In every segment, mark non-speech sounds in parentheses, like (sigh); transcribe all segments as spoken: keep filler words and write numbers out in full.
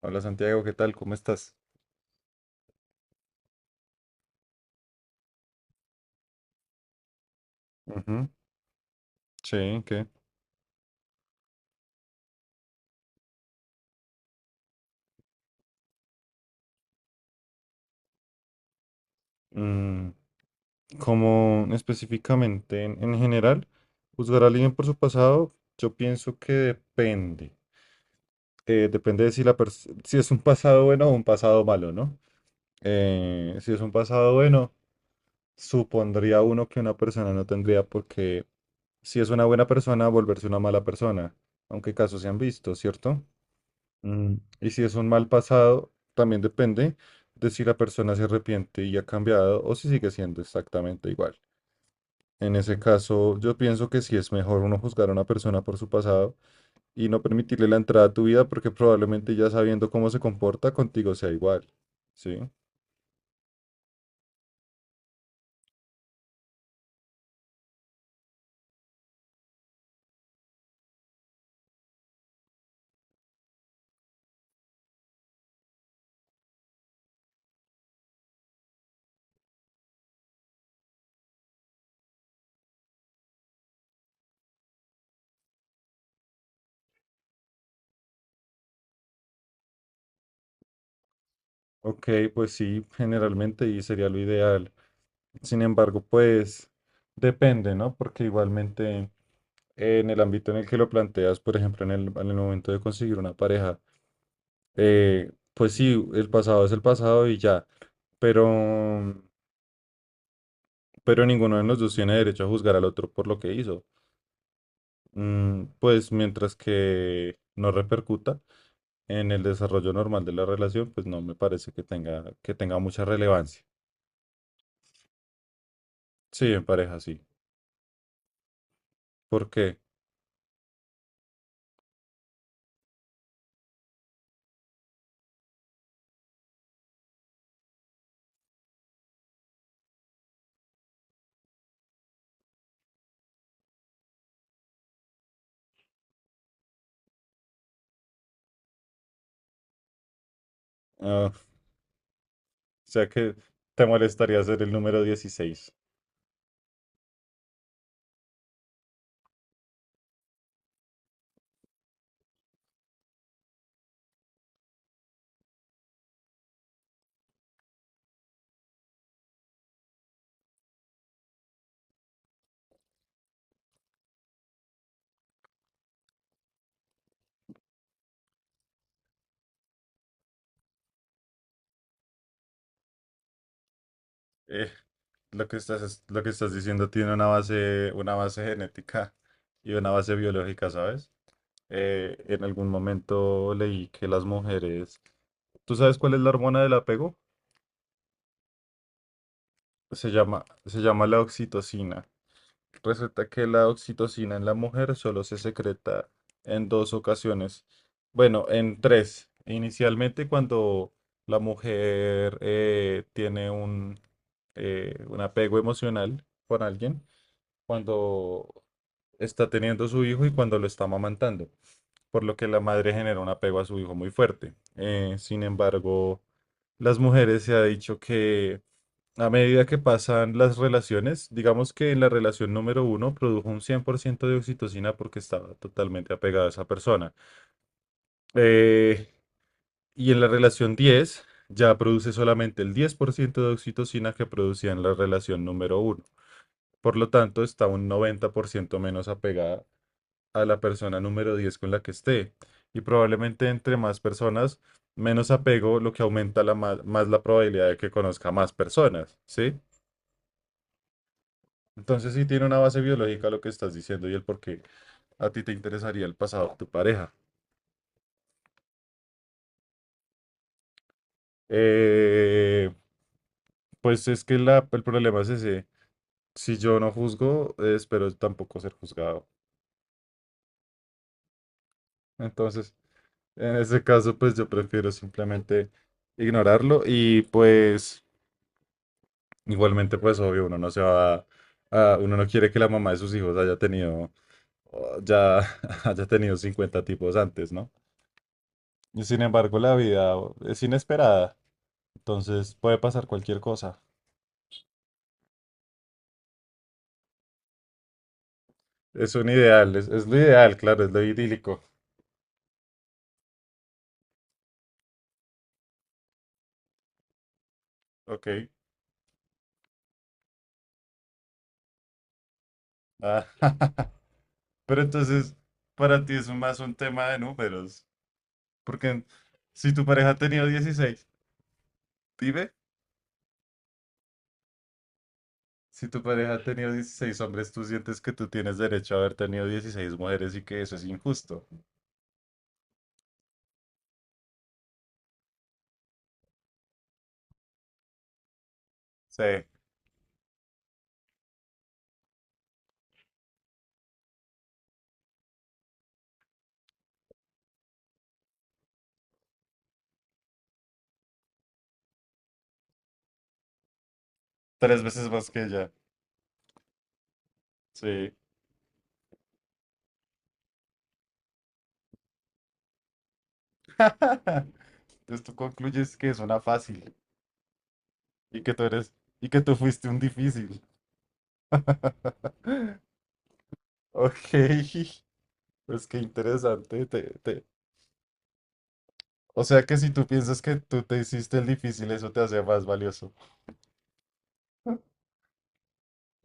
Hola Santiago, ¿qué tal? ¿Cómo estás? Ujú. Sí, ¿qué? mm, como específicamente en, en general, juzgar a alguien por su pasado, yo pienso que depende. Eh, depende de si la pers- si es un pasado bueno o un pasado malo, ¿no? Eh, si es un pasado bueno, supondría uno que una persona no tendría por qué, si es una buena persona, volverse una mala persona, aunque casos se han visto, ¿cierto? Mm. Y si es un mal pasado, también depende de si la persona se arrepiente y ha cambiado o si sigue siendo exactamente igual. En ese caso, yo pienso que sí es mejor uno juzgar a una persona por su pasado y no permitirle la entrada a tu vida porque probablemente ya sabiendo cómo se comporta contigo sea igual. ¿Sí? Ok, pues sí, generalmente y sería lo ideal. Sin embargo, pues depende, ¿no? Porque igualmente en el ámbito en el que lo planteas, por ejemplo, en el, en el momento de conseguir una pareja, eh, pues sí, el pasado es el pasado y ya, pero, pero ninguno de los dos tiene derecho a juzgar al otro por lo que hizo. Mm, pues mientras que no repercuta en el desarrollo normal de la relación, pues no me parece que tenga, que tenga mucha relevancia. Sí, en pareja sí. ¿Por qué? Ah, o sea que te molestaría ser el número dieciséis. Eh, lo que estás, es- lo que estás diciendo tiene una base, una base genética y una base biológica, ¿sabes? Eh, en algún momento leí que las mujeres, ¿tú sabes cuál es la hormona del apego? Se llama, se llama la oxitocina. Resulta que la oxitocina en la mujer solo se secreta en dos ocasiones. Bueno, en tres. Inicialmente cuando la mujer eh, tiene un, eh, un apego emocional con alguien, cuando está teniendo su hijo y cuando lo está amamantando, por lo que la madre genera un apego a su hijo muy fuerte. Eh, sin embargo, las mujeres se ha dicho que a medida que pasan las relaciones, digamos que en la relación número uno produjo un cien por ciento de oxitocina porque estaba totalmente apegada a esa persona. Eh, y en la relación diez ya produce solamente el diez por ciento de oxitocina que producía en la relación número uno. Por lo tanto, está un noventa por ciento menos apegada a la persona número diez con la que esté. Y probablemente entre más personas, menos apego, lo que aumenta la ma- más, la probabilidad de que conozca más personas, ¿sí? Entonces sí tiene una base biológica lo que estás diciendo y el por qué a ti te interesaría el pasado de tu pareja. Eh, pues es que la- el problema es ese. Si yo no juzgo, eh, espero tampoco ser juzgado. Entonces, en ese caso, pues yo prefiero simplemente ignorarlo y pues igualmente, pues obvio, uno no se va a, uno no quiere que la mamá de sus hijos haya tenido oh, ya (laughs) haya tenido cincuenta tipos antes, ¿no? Y sin embargo, la vida es inesperada, entonces puede pasar cualquier cosa. Es un ideal, es, es lo ideal, claro, es lo idílico. Ok. Ah, (laughs) pero entonces, para ti es un- más un tema de números, porque si tu pareja ha tenido dieciséis, dime. Si tu pareja ha tenido dieciséis hombres, tú sientes que tú tienes derecho a haber tenido dieciséis mujeres y que eso es injusto. Sí, tres veces más que ella. Sí. (laughs) Entonces tú concluyes que es una fácil y que tú eres y que tú fuiste un difícil. (laughs) Ok, pues qué interesante. te- te- O sea que si tú piensas que tú te hiciste el difícil, eso te hace más valioso. (laughs)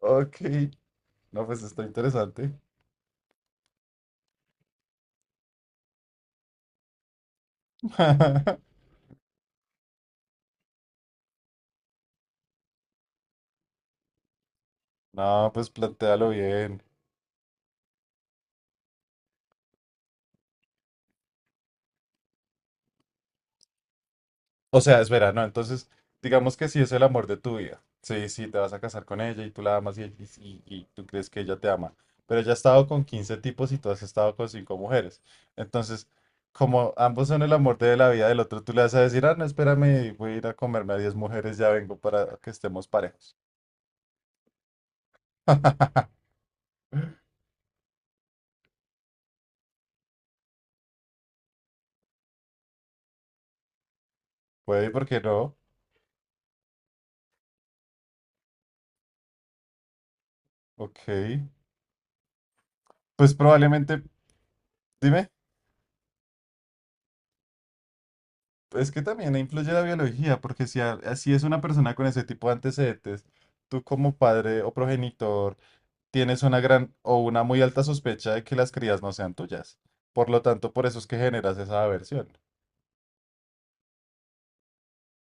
Ok, no, pues está interesante. (laughs) No, pues plantéalo bien. O sea, espera, no, entonces, digamos que si es el amor de tu vida, sí, sí, te vas a casar con ella y tú la amas y, y- y- y tú crees que ella te ama, pero ella ha estado con quince tipos y tú has estado con cinco mujeres. Entonces, como ambos son el amor de la vida del otro, tú le vas a decir, ah, no, espérame, voy a ir a comerme a diez mujeres, ya vengo para que estemos parejos. (laughs) Puede, ¿por qué no? Ok. Pues probablemente, dime. Es que también influye la biología, porque si, a- si es una persona con ese tipo de antecedentes, tú como padre o progenitor tienes una gran o una muy alta sospecha de que las crías no sean tuyas. Por lo tanto, por eso es que generas esa aversión.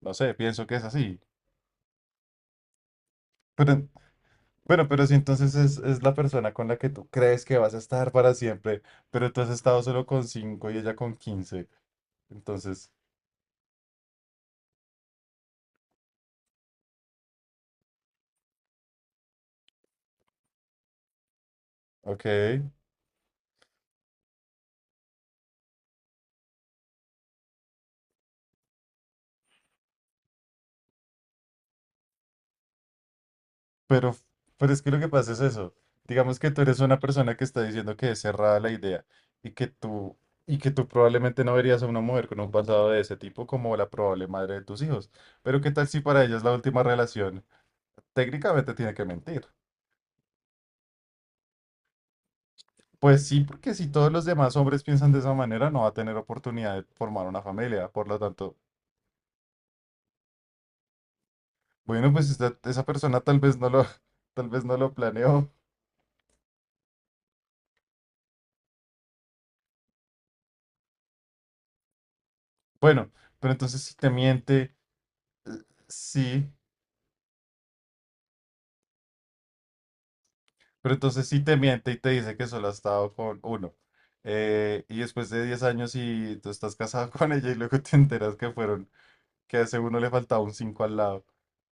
No sé, pienso que es así. Pero, bueno, pero si entonces es, es la persona con la que tú crees que vas a estar para siempre, pero tú has estado solo con cinco y ella con quince. Entonces, ok. Pero, pero es que lo que pasa es eso. Digamos que tú eres una persona que está diciendo que es cerrada la idea y que tú, y que tú probablemente no verías a una mujer con un pasado de ese tipo como la probable madre de tus hijos. Pero ¿qué tal si para ella es la última relación? Técnicamente tiene que mentir. Pues sí, porque si todos los demás hombres piensan de esa manera, no va a tener oportunidad de formar una familia. Por lo tanto, bueno, pues esta- esa persona tal vez no lo, (laughs) tal vez no lo planeó. Bueno, pero entonces si te miente, sí. Pero entonces sí te miente y te dice que solo has estado con uno. Eh, y después de diez años y tú estás casado (laughs) con ella y luego te enteras que fueron, que a ese uno le faltaba un cinco al lado.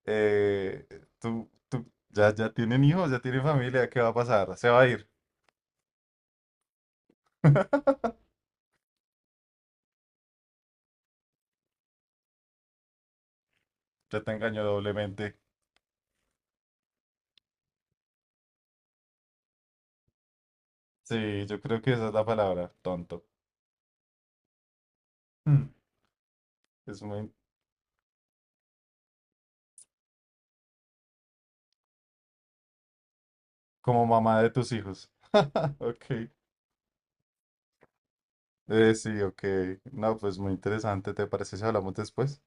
Eh, tú, tú, ya, ya tienen hijos, ya tienen familia, ¿qué va a pasar? Se va a ir. Ya te engañó doblemente. Sí, yo creo que esa es la palabra, tonto. Mm. Es muy, como mamá de tus hijos. (laughs) Ok. Eh, sí, ok. No, pues muy interesante. ¿Te parece si hablamos después?